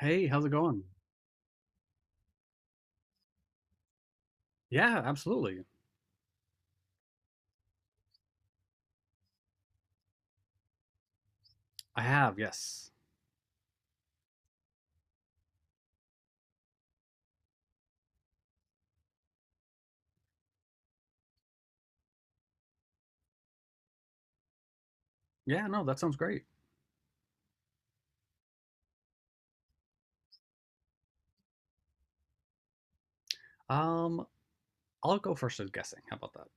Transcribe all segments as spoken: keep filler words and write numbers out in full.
Hey, how's it going? Yeah, absolutely. I have, yes. Yeah, no, that sounds great. Um, I'll go first as guessing. How about that?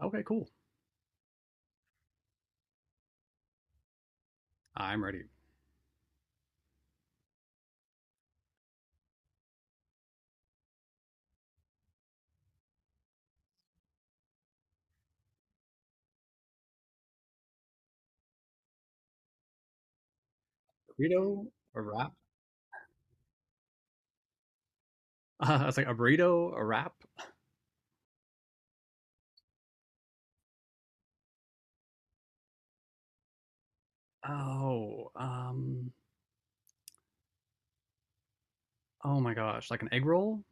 Okay, cool. I'm ready. Burrito, a wrap? Uh, it's like a burrito, a wrap. Oh, um, oh my gosh, like an egg roll?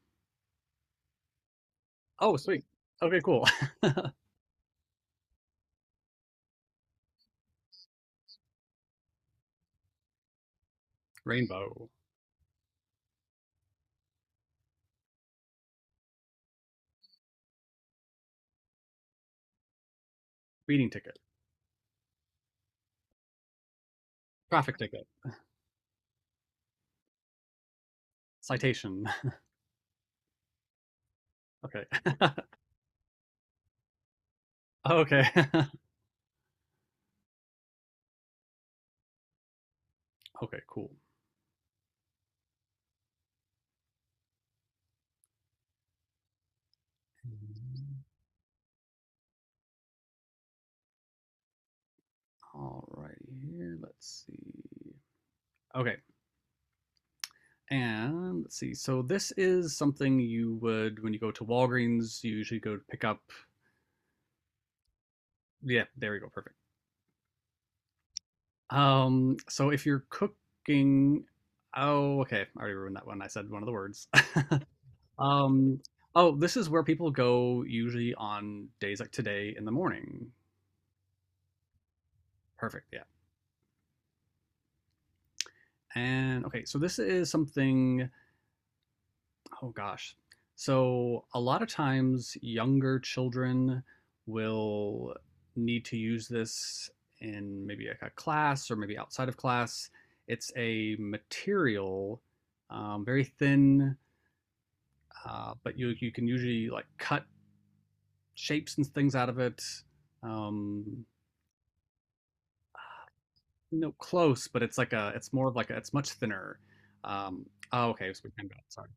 Oh, sweet. Okay, cool. Rainbow, speeding ticket, traffic ticket, citation. Okay. Okay. Okay, cool. All right, here, let's see. Okay, and let's see. So this is something you would when you go to Walgreens, you usually go to pick up. Yeah, there we go. Perfect. Um, so if you're cooking, oh, okay, I already ruined that one. I said one of the words. um, oh, this is where people go usually on days like today in the morning. Perfect. Yeah. And okay, so this is something. Oh gosh. So a lot of times younger children will need to use this in maybe like a class or maybe outside of class. It's a material, um, very thin, uh, but you you can usually like cut shapes and things out of it. Um, no, close, but it's like a it's more of like a, it's much thinner. Um, oh, okay, so we can go. Sorry,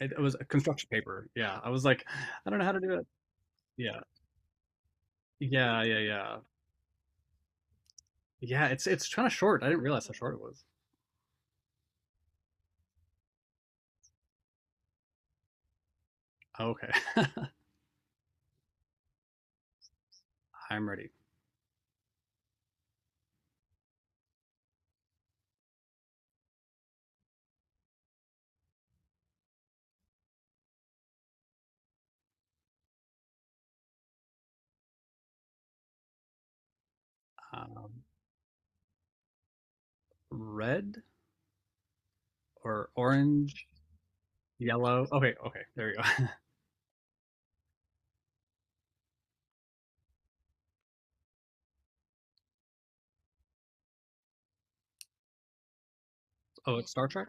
it, it was a construction paper. Yeah, I was like, I don't know how to do it. Yeah. Yeah, yeah, yeah. Yeah, it's it's kind of short. I didn't realize how short it was. Oh, okay. I'm ready. Um, Red or orange, yellow. Okay, okay. There you go. Oh, it's Star Trek.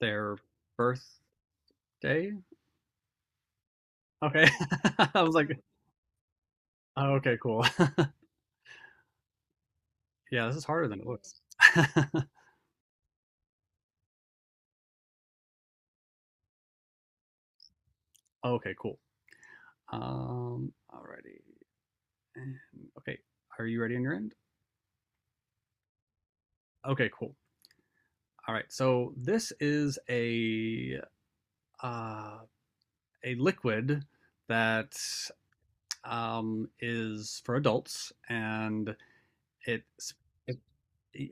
Their birthday. Okay. I was like, oh, okay, cool. Yeah, this is harder than it looks. Okay, cool. Um, alrighty. And- Okay, are you ready on your end? Okay, cool. All right. So this is a uh a liquid that um, is for adults, and it's it,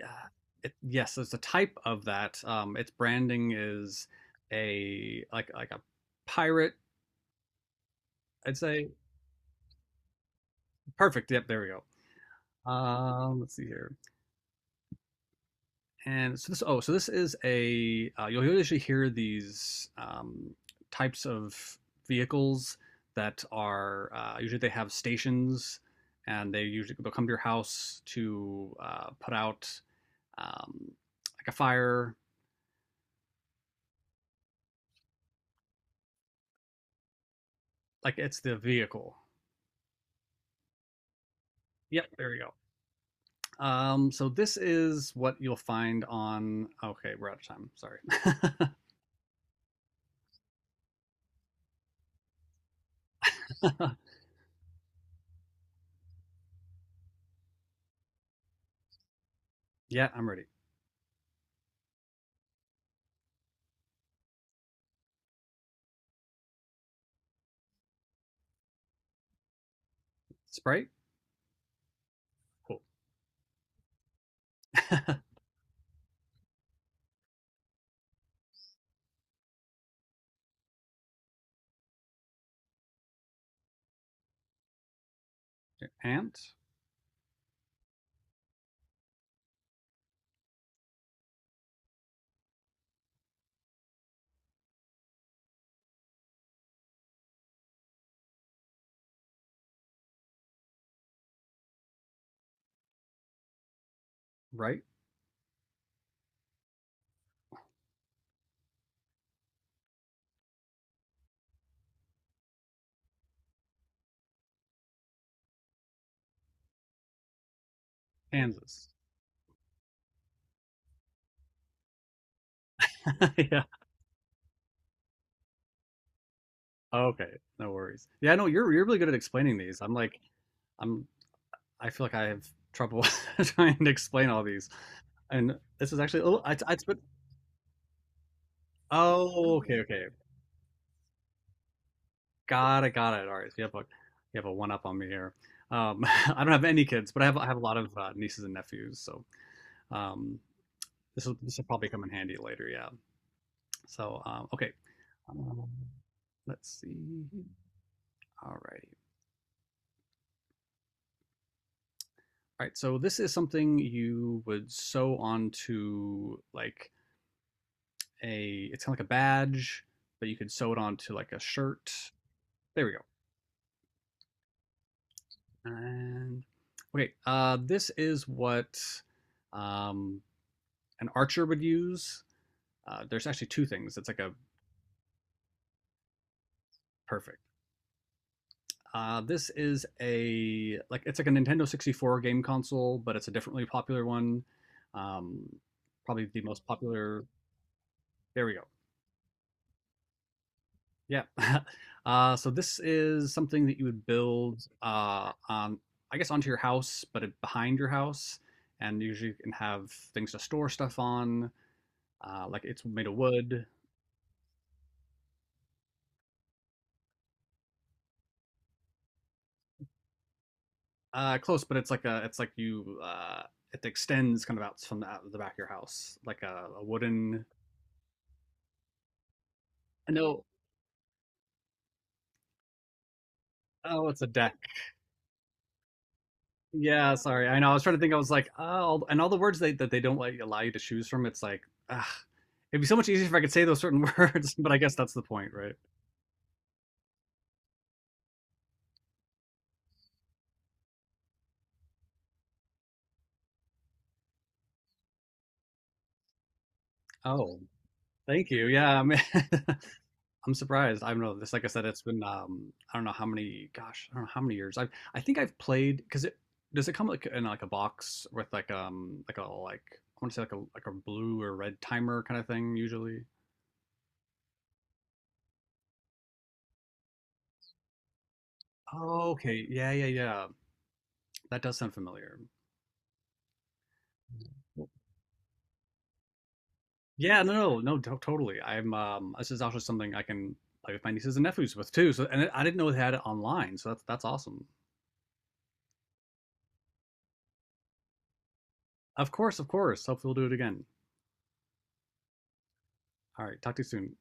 uh, it, yes, there's a type of that. Um, its branding is a like like a pirate. I'd say perfect. Yep, there we go. Um, let's see here. And so this oh so this is a uh, you'll usually hear these um, types of vehicles that are uh, usually they have stations and they usually they'll come to your house to uh, put out um, like a fire, like it's the vehicle. Yep, there you go. Um, so this is what you'll find on. Okay, we're out of time, sorry. Yeah, I'm ready. Sprite. Cool. And right. Kansas. Yeah. Oh, okay, no worries. Yeah, no, you're you're really good at explaining these. I'm like, I'm I feel like I have trouble trying to explain all these. And this is actually oh, I, I but oh, okay, okay, got it, got it. All right, so you have a you have a one up on me here. Um, I don't have any kids, but I have I have a lot of uh, nieces and nephews, so um, this will this will probably come in handy later. Yeah. So um, okay, um, let's see. All righty, all right, so this is something you would sew onto like a, it's kind of like a badge, but you can sew it onto like a shirt. There we go. And okay, uh, this is what um, an archer would use. Uh, there's actually two things. It's like a perfect. Uh, this is a like it's like a Nintendo sixty-four game console, but it's a differently popular one. Um, probably the most popular. There we go. Yeah. Uh, so this is something that you would build uh, on, I guess, onto your house, but it- behind your house, and usually you can have things to store stuff on. Uh, like it's made of wood. Uh, close, but it's like a, it's like you, uh, it extends kind of out from the, out of the back of your house, like a, a wooden. No, oh, it's a deck. Yeah, sorry. I know. I was trying to think. I was like, oh, and all the words they, that they don't like allow you to choose from. It's like, ah, it'd be so much easier if I could say those certain words, but I guess that's the point, right? Oh, thank you. Yeah, I'm, I'm surprised. I don't know. This, like I said, it's been um, I don't know how many. Gosh, I don't know how many years. I I think I've played because it does it come like in like a box with like um like a like I want to say like a like a blue or red timer kind of thing usually. Oh, okay. Yeah, yeah, yeah. That does sound familiar. Yeah, no, no, no, to- totally. I'm um this is also something I can play with my nieces and nephews with too. So and I didn't know they had it online, so that's that's awesome. Of course, of course. Hopefully we'll do it again. All right, talk to you soon.